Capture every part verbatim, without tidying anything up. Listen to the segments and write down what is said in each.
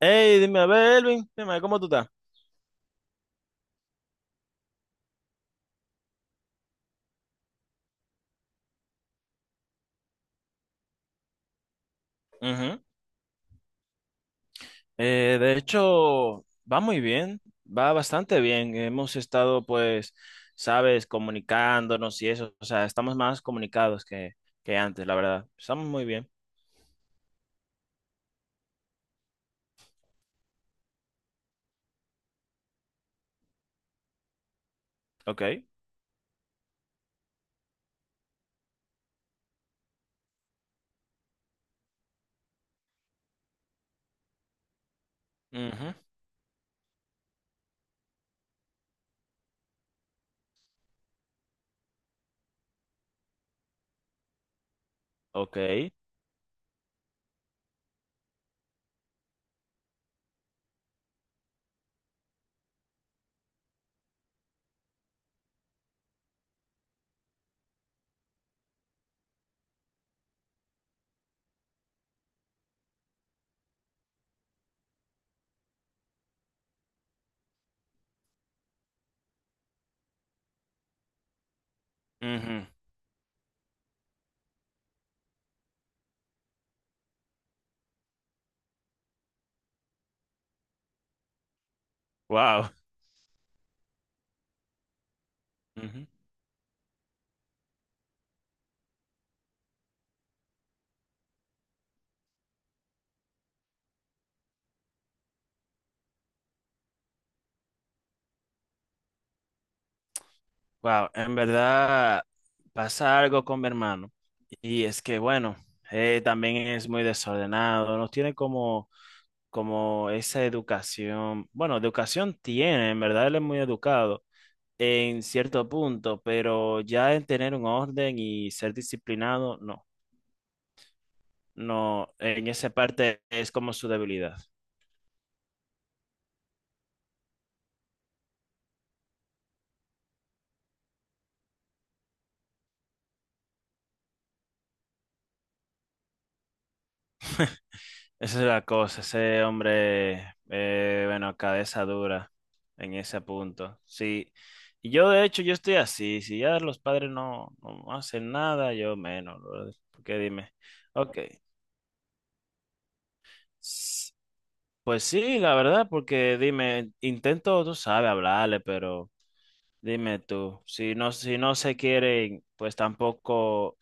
Hey, dime, a ver, Elvin, dime, a ver, ¿cómo tú estás? Ujú. Eh, de hecho, va muy bien, va bastante bien. Hemos estado, pues, sabes, comunicándonos y eso, o sea, estamos más comunicados que, que antes, la verdad. Estamos muy bien. Ok. Ujú. Ok. Ujú. Wow. Ujú. Wow. En verdad, pasa algo con mi hermano. Y es que, bueno, eh, también es muy desordenado, nos tiene como como esa educación, bueno, educación tiene, en verdad él es muy educado en cierto punto, pero ya en tener un orden y ser disciplinado, no, no, en esa parte es como su debilidad. Esa es la cosa, ese hombre, eh, bueno, cabeza dura en ese punto. Sí, y yo de hecho yo estoy así, si ya los padres no, no hacen nada, yo menos, brother, porque dime, ok. Pues sí, la verdad, porque dime, intento, tú sabes, hablarle, pero dime tú, si no, si no se quieren, pues tampoco,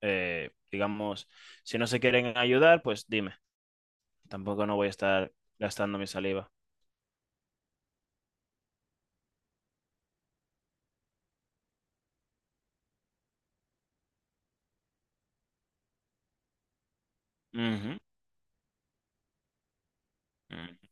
eh, digamos, si no se quieren ayudar, pues dime, tampoco no voy a estar gastando mi saliva. Ujú, mm,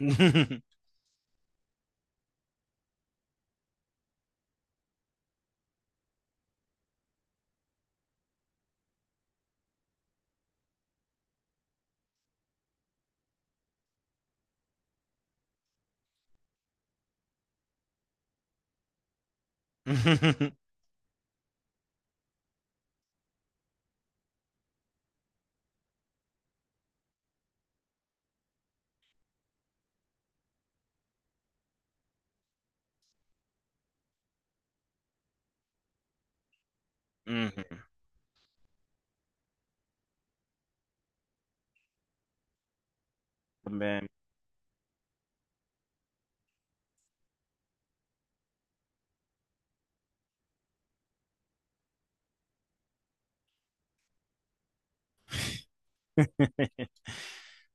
ujú. Ujú, también.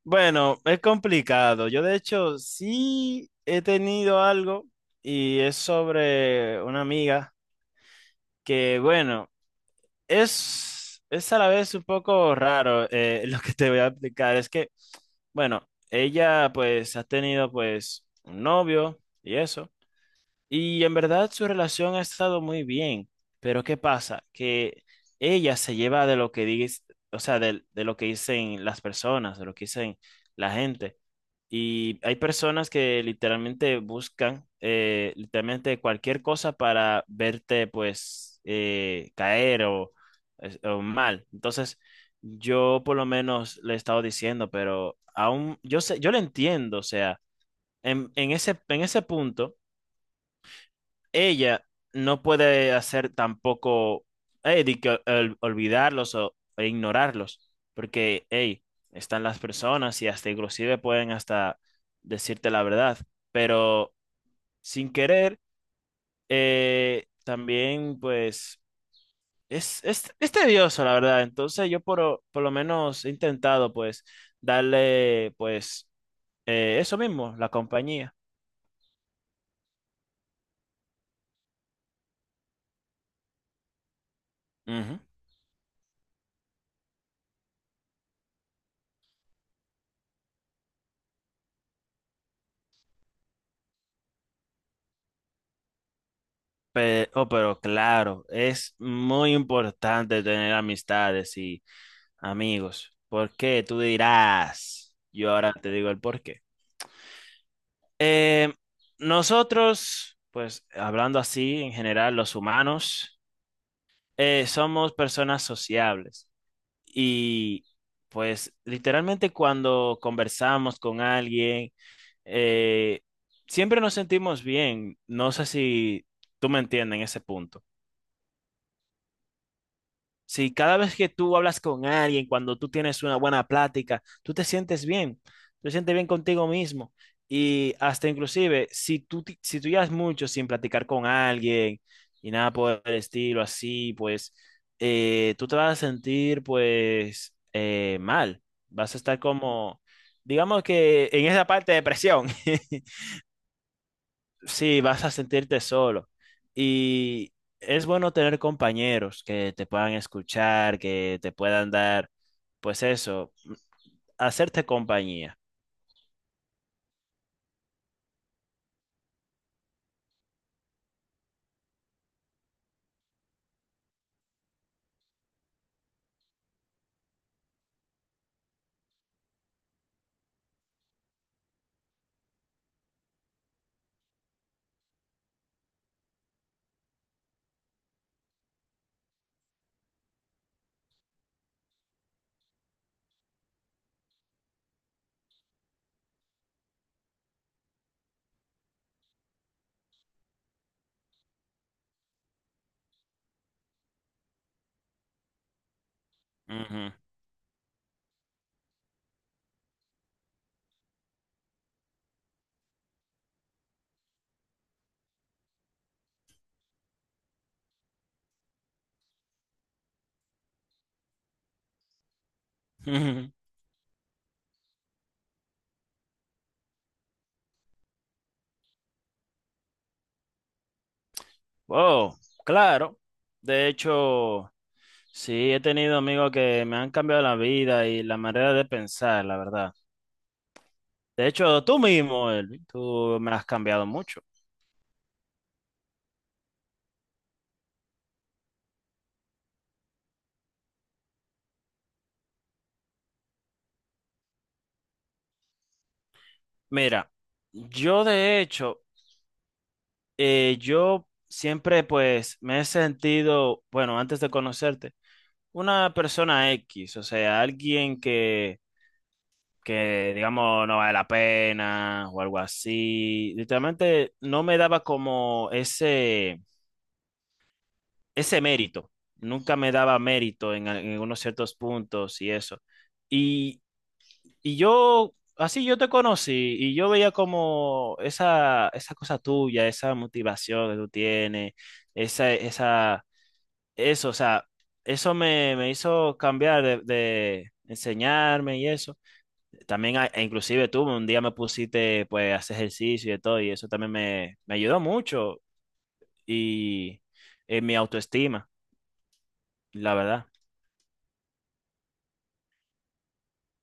Bueno, es complicado. Yo de hecho sí he tenido algo y es sobre una amiga que, bueno. Es, es a la vez un poco raro eh, lo que te voy a explicar. Es que, bueno, ella pues ha tenido pues un novio y eso. Y en verdad su relación ha estado muy bien, pero ¿qué pasa? Que ella se lleva de lo que dice, o sea, de, de lo que dicen las personas, de lo que dicen la gente. Y hay personas que literalmente buscan eh, literalmente cualquier cosa para verte pues eh, caer o, es- o mal. Entonces, yo por lo menos le he estado diciendo, pero aún yo sé, yo le entiendo, o sea, en, en ese, en ese punto ella no puede hacer tampoco eh, de que ol- olvidarlos o e ignorarlos, porque hey, están las personas y hasta inclusive pueden hasta decirte la verdad, pero sin querer eh, también pues es, es, es tedioso la verdad, entonces yo por, por lo menos he intentado pues darle pues eh, eso mismo, la compañía. Ujú. Pe- oh, pero claro, es muy importante tener amistades y amigos. ¿Por qué? Tú dirás. Yo ahora te digo el por qué. Eh, nosotros, pues hablando así, en general, los humanos, eh, somos personas sociables. Y pues literalmente cuando conversamos con alguien, eh, siempre nos sentimos bien. No sé si tú me entiendes en ese punto. Si cada vez que tú hablas con alguien, cuando tú tienes una buena plática, tú te sientes bien, tú te sientes bien contigo mismo. Y hasta inclusive, si tú, ti- si tú llevas mucho sin platicar con alguien y nada por el estilo así, pues eh, tú te vas a sentir pues eh, mal. Vas a estar como, digamos que en esa parte de depresión. Sí, vas a sentirte solo. Y es bueno tener compañeros que te puedan escuchar, que te puedan dar, pues eso, hacerte compañía. Ujú. Oh, claro. De hecho, sí, he tenido amigos que me han cambiado la vida y la manera de pensar, la verdad. De hecho, tú mismo, Elvin, tú me has cambiado mucho. Mira, yo de hecho eh, yo siempre pues me he sentido, bueno, antes de conocerte, una persona X, o sea, alguien que, que digamos no vale la pena o algo así. Literalmente no me daba como ese, ese mérito, nunca me daba mérito en, al- en unos ciertos puntos y eso. Y, y yo, así yo te conocí y yo veía como esa, esa cosa tuya, esa motivación que tú tienes, esa, esa eso, o sea, eso me, me hizo cambiar de, de enseñarme y eso. También, a- e inclusive tú un día me pusiste pues a hacer ejercicio y de todo, y eso también me, me ayudó mucho y en mi autoestima, la verdad.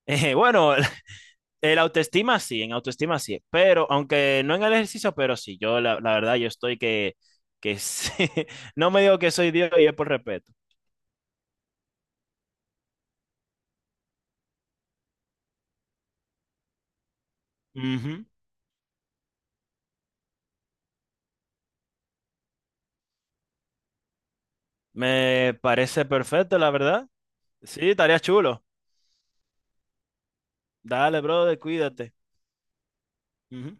Eh, bueno, el autoestima sí, en autoestima sí, pero aunque no en el ejercicio, pero sí, yo la, la verdad yo estoy que, que sí. No me digo que soy Dios y es por respeto. Ujú. Me parece perfecto, la verdad. Sí, estaría chulo. Dale, brother, cuídate. Ujú.